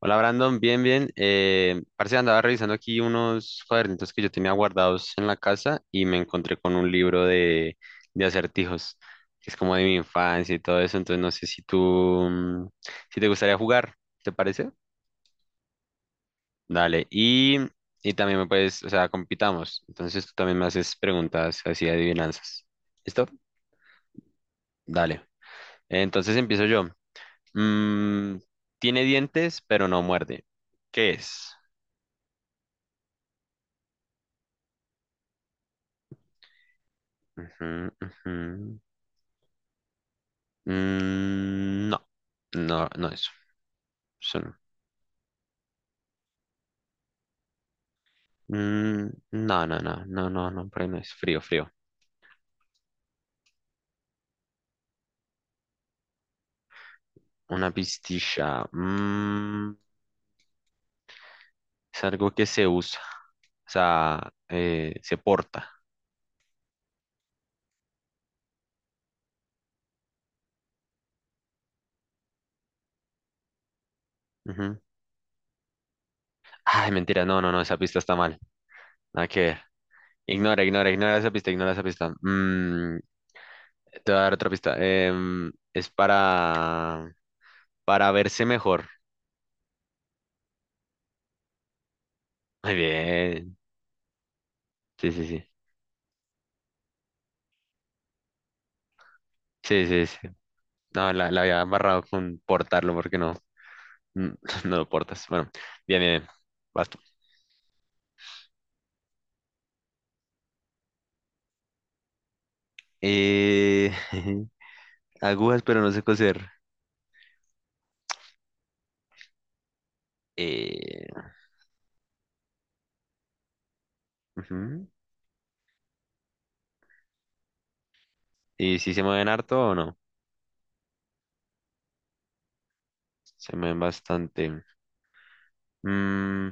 Hola Brandon, bien, bien. Parce, andaba revisando aquí unos cuadernitos que yo tenía guardados en la casa y me encontré con un libro de acertijos, que es como de mi infancia y todo eso. Entonces no sé si tú, si te gustaría jugar, ¿te parece? Dale. Y también me puedes, o sea, compitamos. Entonces tú también me haces preguntas así de adivinanzas. ¿Listo? Dale. Entonces empiezo yo. Mm, tiene dientes, pero no muerde. ¿Qué es? Ujú, ujú. Mm, no, no, no es. Eso no. Mm, no, no, no, no, no, no, por ahí no es. Frío, frío. Una pistilla. Es algo que se usa. O sea, se porta. Ujú. Ay, mentira, no, no, no, esa pista está mal. Nada que ver. Ignora, ignora, ignora esa pista, ignora esa pista. Te voy a dar otra pista. Es para verse mejor. Muy bien. Sí, sí, sí. Sí, sí, sí. No, la había barrado con portarlo porque no, mm, no lo portas. Bueno, bien, bien, bien. Vas tú. Eh, agujas, pero no sé coser. Eh, ujú. ¿Y si se mueven harto o no? Se mueven bastante. Mm,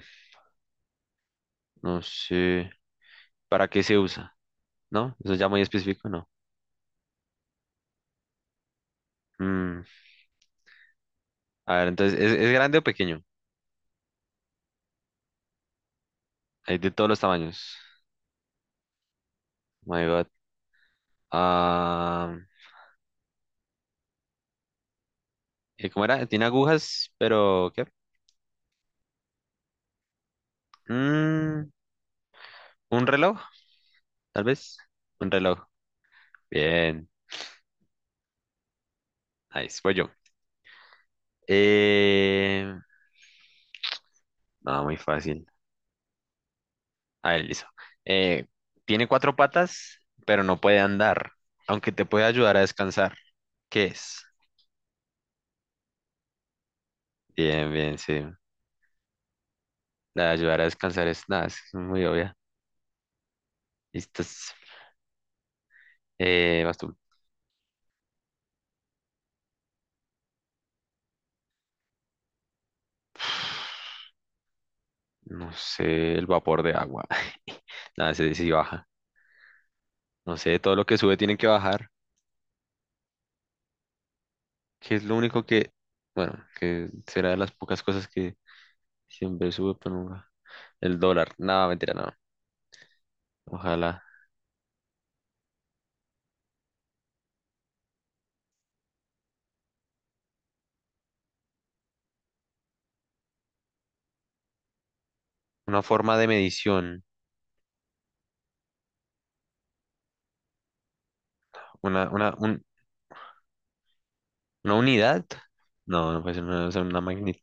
no sé. ¿Para qué se usa? ¿No? Eso ya muy específico, ¿no? Mm, a ver, entonces, es grande o pequeño? Hay de todos los tamaños. Oh My God. Ah, ¿Y ¿cómo era? Tiene agujas, pero ¿qué? Mm, ¿Un reloj? Tal vez un reloj. Bien, nice. Voy yo. Eh, no, muy fácil. A ver, listo. Eh, tiene cuatro patas, pero no puede andar, aunque te puede ayudar a descansar. ¿Qué es? Bien, bien, sí. La de ayudar a descansar es nada, es muy obvia. Listo. Vas tú. No sé, el vapor de agua. Nada, se dice baja. No sé, todo lo que sube tiene que bajar, que es lo único que, bueno, que será de las pocas cosas que siempre sube, pero nunca. El dólar. Nada, mentira, no. Ojalá. Una forma de medición. Una, un- una unidad. No, no puede ser una, o sea, una magnitud.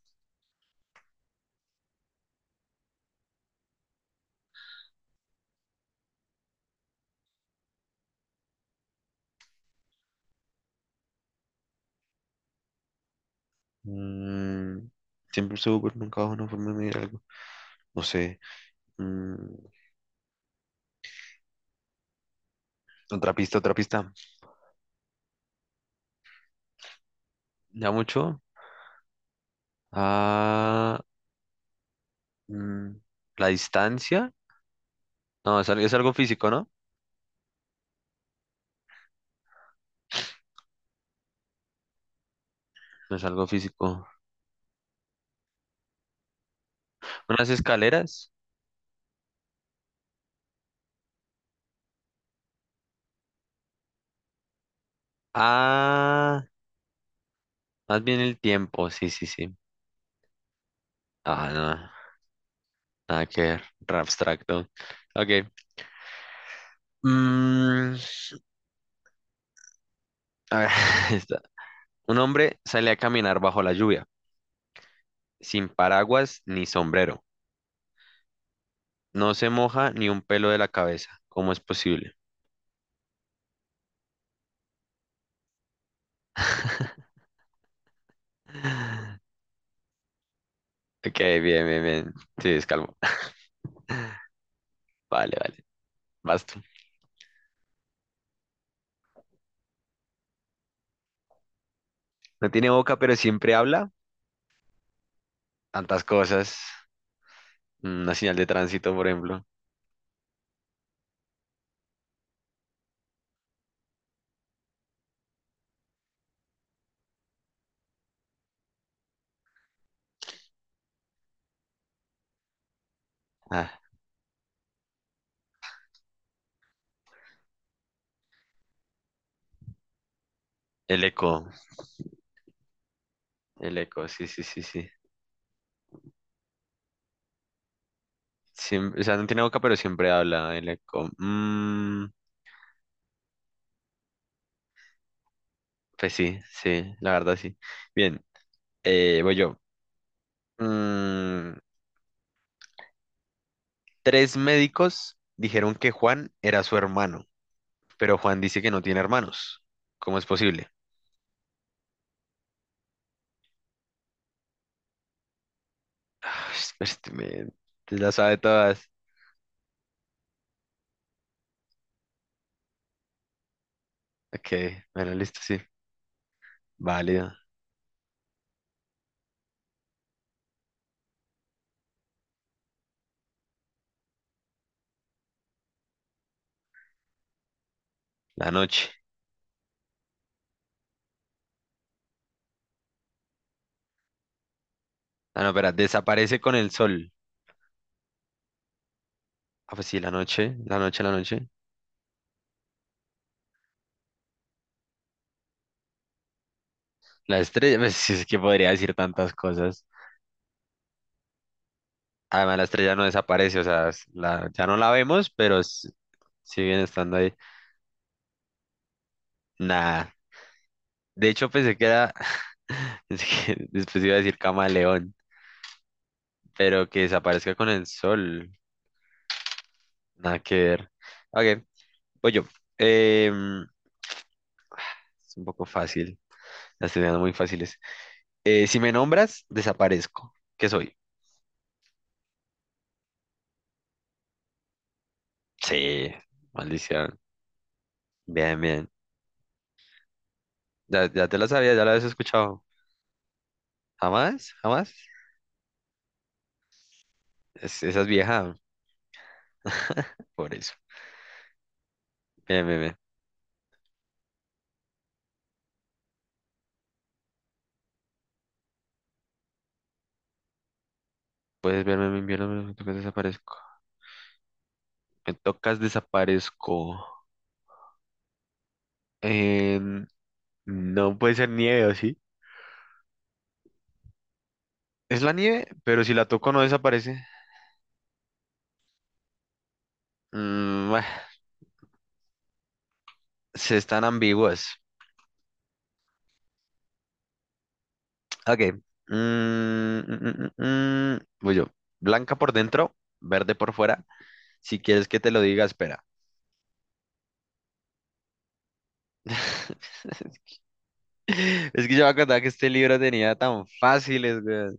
Mm, siempre sube, pero nunca baja una forma de medir algo. No sé. Mm, otra pista, otra pista. Ya mucho. Ah, mm, la distancia. No, es, al- es algo físico, ¿no? No es algo físico. Unas escaleras. Ah, más bien el tiempo. Sí, sí, sí. Ah, no. Nada que ver, re abstracto. Ok. Mm, a ver, esta. Un hombre sale a caminar bajo la lluvia, sin paraguas ni sombrero. No se moja ni un pelo de la cabeza. ¿Cómo es posible? Ok, bien, bien, bien. Sí, es calmo. Vale, vale. Vas tú. No tiene boca, pero siempre habla. Tantas cosas. Una señal de tránsito, por ejemplo. Ah, el eco. El eco, sí, sí, sí, sí. Siem- o sea, no tiene boca, pero siempre habla. El eco. Pues sí, sí, la verdad sí. Bien, voy yo. Mm, tres médicos dijeron que Juan era su hermano, pero Juan dice que no tiene hermanos. ¿Cómo es posible? Ah, este men, te la sabe todas. Ok, bueno, listo, sí. Válido. La noche. Ah, no, espera, desaparece con el sol. Ah, pues sí, la noche, la noche, la noche. La estrella, pues sí, es que podría decir tantas cosas. Además, la estrella no desaparece, o sea, es la- ya no la vemos, pero s- siguen estando ahí. Nah. De hecho, pensé que era. pensé que después iba a decir camaleón, pero que desaparezca con el sol. Nada que ver. Ok, voy yo. Em, es un poco fácil. Las estoy dando muy fáciles. Si me nombras, desaparezco. ¿Qué soy? Sí, maldición. Bien, bien. Ya, ya te la sabía, ya la habías escuchado. ¿Jamás? ¿Jamás? Es- esa es vieja, por eso. Bien, bien, bien. Puedes verme, me invierno, me tocas, desaparezco. Me tocas, desaparezco. Em, No puede ser nieve, ¿o sí? Es la nieve, pero si la toco no desaparece. Mm, bah, se están ambiguas. Ok. Mm, mm, mm, mm, mm. Voy yo. Blanca por dentro, verde por fuera. Si quieres que te lo diga, espera. Es que yo me acordaba que este libro tenía tan fáciles, güey.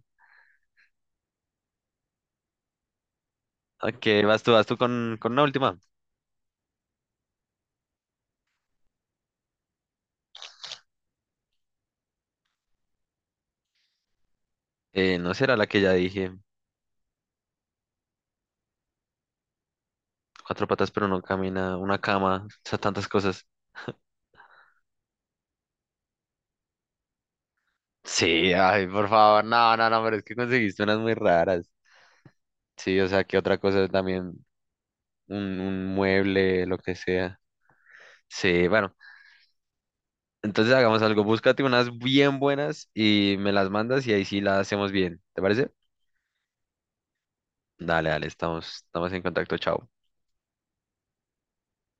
Ok, vas tú con una última. No será la que ya dije. Cuatro patas pero no camina, una cama, o sea, tantas cosas. Sí, ay, por favor, no, no, no, pero es que conseguiste unas muy raras. Sí, o sea, que otra cosa también, un mueble, lo que sea. Sí, bueno, entonces hagamos algo, búscate unas bien buenas y me las mandas y ahí sí las hacemos bien, ¿te parece? Dale, dale, estamos, estamos en contacto, chao.